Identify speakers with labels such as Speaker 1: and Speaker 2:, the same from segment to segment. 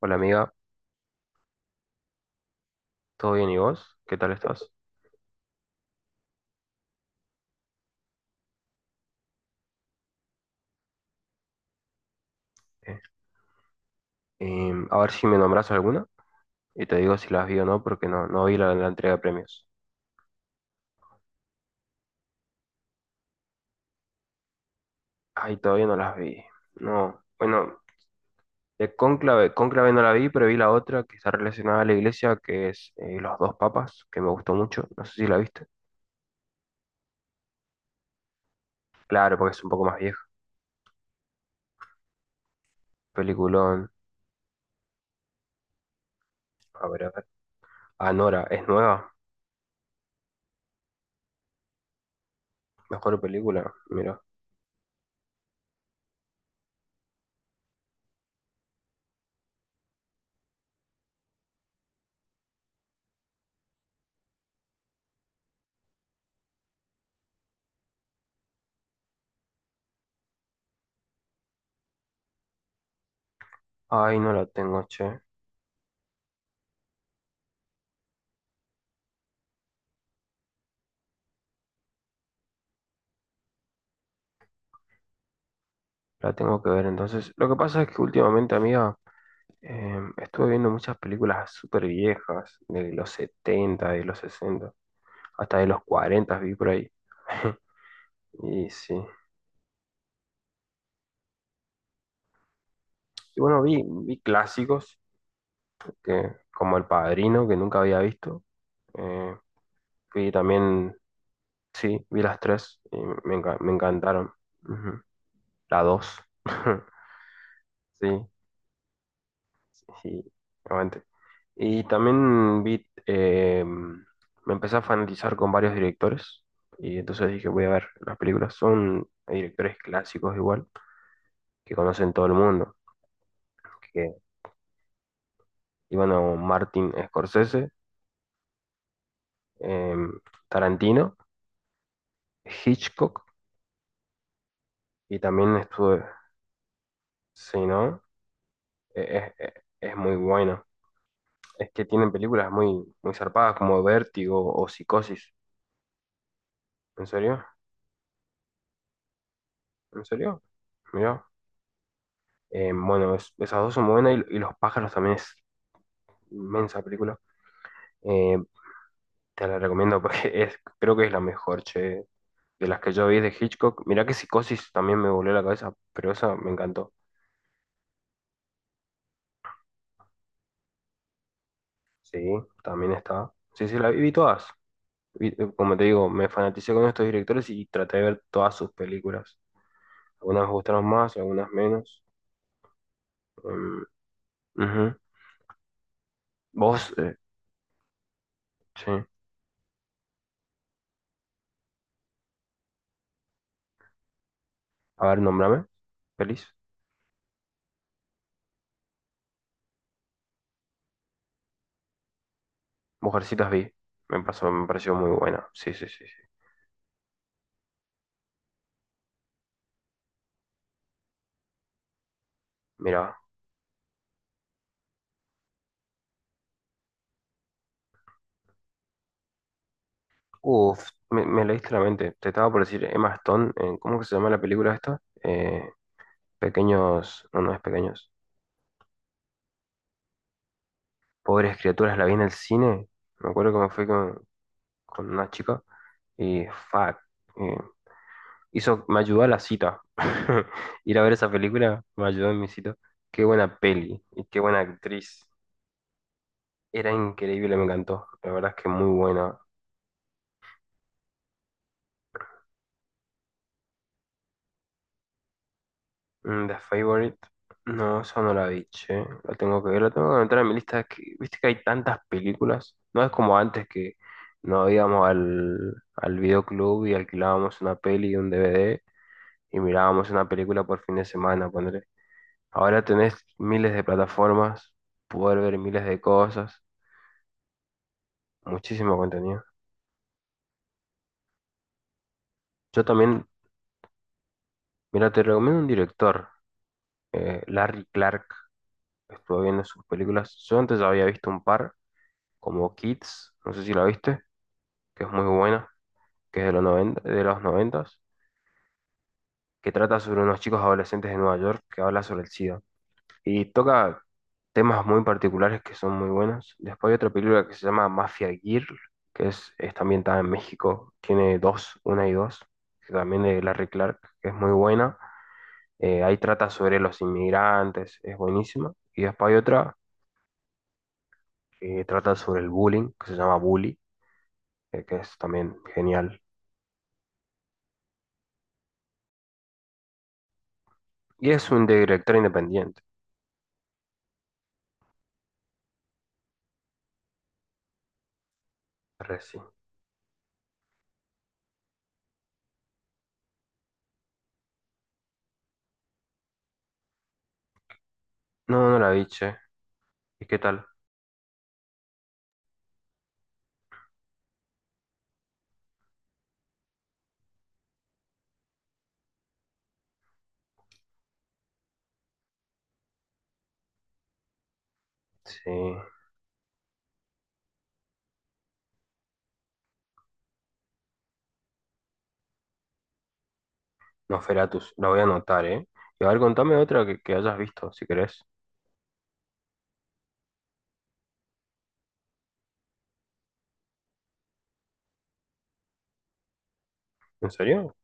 Speaker 1: Hola amiga, ¿todo bien y vos? ¿Qué tal estás? Eh, a ver si me nombras alguna y te digo si las vi o no, porque no vi la entrega de premios. Ay, todavía no las vi. No, bueno, de Cónclave no la vi, pero vi la otra que está relacionada a la iglesia, que es Los dos papas, que me gustó mucho. No sé si la viste. Claro, porque es un poco más vieja. Peliculón. A ver, a ver. Anora, ¿es nueva? Mejor película, mira. Ay, no la tengo, che. La tengo que ver entonces. Lo que pasa es que últimamente, amiga. Estuve viendo muchas películas súper viejas, de los 70 de los 60 hasta de los 40 vi por ahí. Y sí. Y bueno, vi clásicos, que, como El Padrino, que nunca había visto. Eh, Vi también, sí, vi las tres y me encantaron. Ujú. La dos. Sí, sí, aguante. Y también vi, me empecé a fanatizar con varios directores y entonces dije, voy a ver las películas. Son directores clásicos igual, que conocen todo el mundo. Que, y bueno, Martin Scorsese, eh, Tarantino, Hitchcock y también estuve, si no. Es muy bueno. Es que tienen películas muy, muy zarpadas como Vértigo o Psicosis. ¿En serio? ¿En serio? Mirá. Bueno, esas dos son muy buenas y Los pájaros también es inmensa película. Eh, Te la recomiendo porque es, creo que es la mejor, che, de las que yo vi de Hitchcock. Mirá que Psicosis también me volvió la cabeza, pero esa me encantó. Sí, también está. Sí, sí, la vi, todas. Vi- como te digo, me fanaticé con estos directores y traté de ver todas sus películas. Algunas me gustaron más, algunas menos. Em, Ujú. Vos, sí. A ver, nombrame. Feliz. Mujercitas vi. Me pasó, me pareció muy buena. Sí, sí, sí, sí. Mira, uff, me leíste la mente. Te estaba por decir Emma Stone. ¿Cómo que se llama la película esta? Pequeños, no, no es pequeños. Pobres criaturas, la vi en el cine. Me acuerdo que me fui con una chica y fuck, eh, me ayudó a la cita. Ir a ver esa película me ayudó en mi cita. Qué buena peli y qué buena actriz. Era increíble, me encantó. La verdad es que muy buena. Mm, The Favorite. No, esa no la vi, che. La tengo que ver, la tengo que entrar en mi lista. Es que, viste que hay tantas películas. No es como antes que no íbamos al, al videoclub y alquilábamos una peli y un DVD y mirábamos una película por fin de semana, ponele. Ahora tenés miles de plataformas, poder ver miles de cosas, muchísimo contenido. Yo también, mira, te recomiendo un director, Larry Clark. Estuve viendo sus películas. Yo antes había visto un par, como Kids, no sé si la viste. Que es muy buena, que es de los 90 de los 90, que trata sobre unos chicos adolescentes de Nueva York que habla sobre el SIDA. Y toca temas muy particulares que son muy buenos. Después hay otra película que se llama Mafia Girl, que es, está ambientada en México, tiene dos, una y dos, que también de Larry Clark, que es muy buena. Ahí trata sobre los inmigrantes, es buenísima. Y después hay otra que trata sobre el bullying, que se llama Bully, que es también genial. Y es un director independiente, re, sí. No, no la vi, che. ¿Y qué tal? Sí, Nosferatus, la voy a anotar, ¿eh? Y a ver, contame otra que hayas visto, si querés. ¿En serio?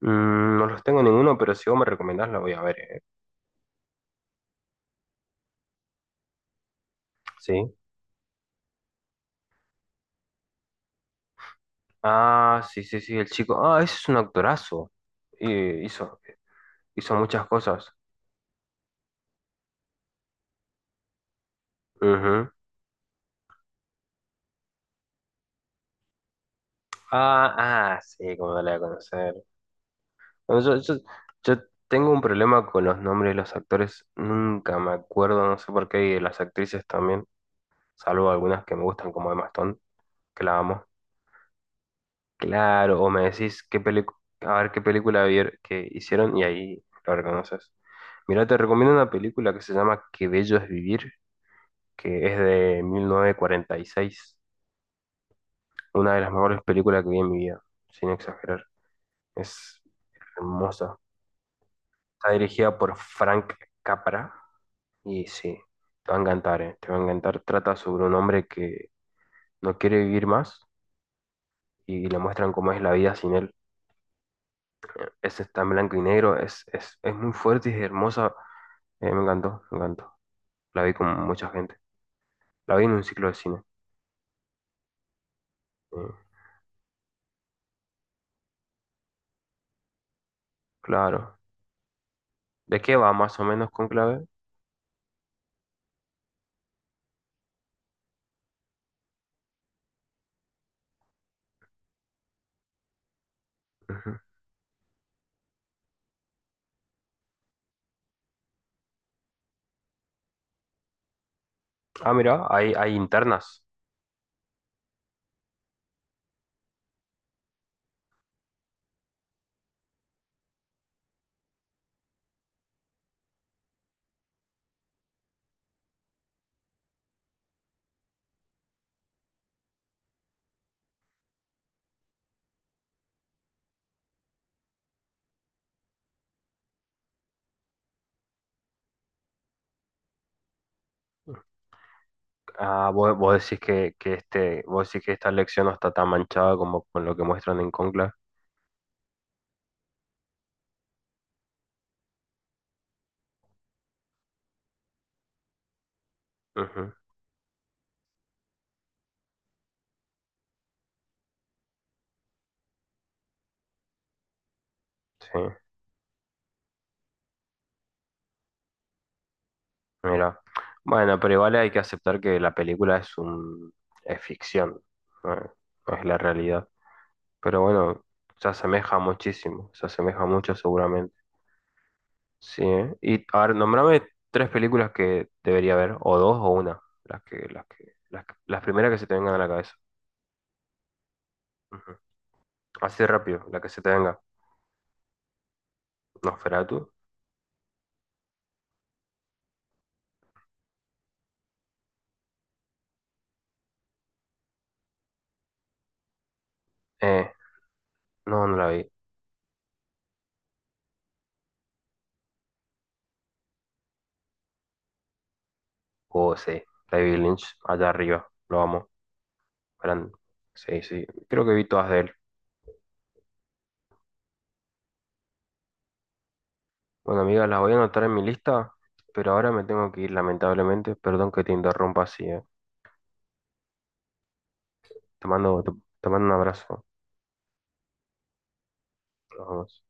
Speaker 1: Mm, no los tengo ninguno, pero si vos me recomendás la voy a ver, ¿eh? Sí. Ah, sí, sí, sí, el chico. Ah, ese es un actorazo. Y hizo muchas cosas. Ujú. Ah, ah, sí, como no la voy a conocer. Bueno, yo tengo un problema con los nombres de los actores. Nunca me acuerdo, no sé por qué, y de las actrices también, salvo algunas que me gustan como Emma Stone. Que la vamos. Claro, o me decís qué película, a ver qué película que hicieron y ahí lo reconoces. Mira, te recomiendo una película que se llama Qué bello es vivir, que es de 1946. Una de las mejores películas que vi en mi vida, sin exagerar. Es hermosa. Está dirigida por Frank Capra y sí, te va a encantar, te va a encantar. Trata sobre un hombre que no quiere vivir más y le muestran cómo es la vida sin él. Esta está en blanco y negro, es muy fuerte y es hermosa. Me encantó, me encantó. La vi con mucha gente. La vi en un ciclo de cine. Eh, claro. ¿De qué va más o menos Conclave? Ujú. Ah, mira, hay internas. Ah, vos decís que este, vos decís que esta lección no está tan manchada como con lo que muestran en Conclave. Ujú, sí, mira. Bueno, pero igual hay que aceptar que la película es un, es ficción, no es no es la realidad. Pero bueno, se asemeja muchísimo, se asemeja mucho seguramente. Sí, ¿eh? Y a ver, nombrame tres películas que debería ver, o dos o una, las primeras que se te vengan a la cabeza. Ujú. Así rápido, la que se te venga. Nosferatu. Eh, no, no la vi. Oh, sí, David Lynch, allá arriba, lo amo. Gran. Sí, sí, creo que vi todas de él. Bueno, amigas, las voy a anotar en mi lista, pero ahora me tengo que ir, lamentablemente. Perdón que te interrumpa así, eh. Te mando, te mando un abrazo. Nos vemos.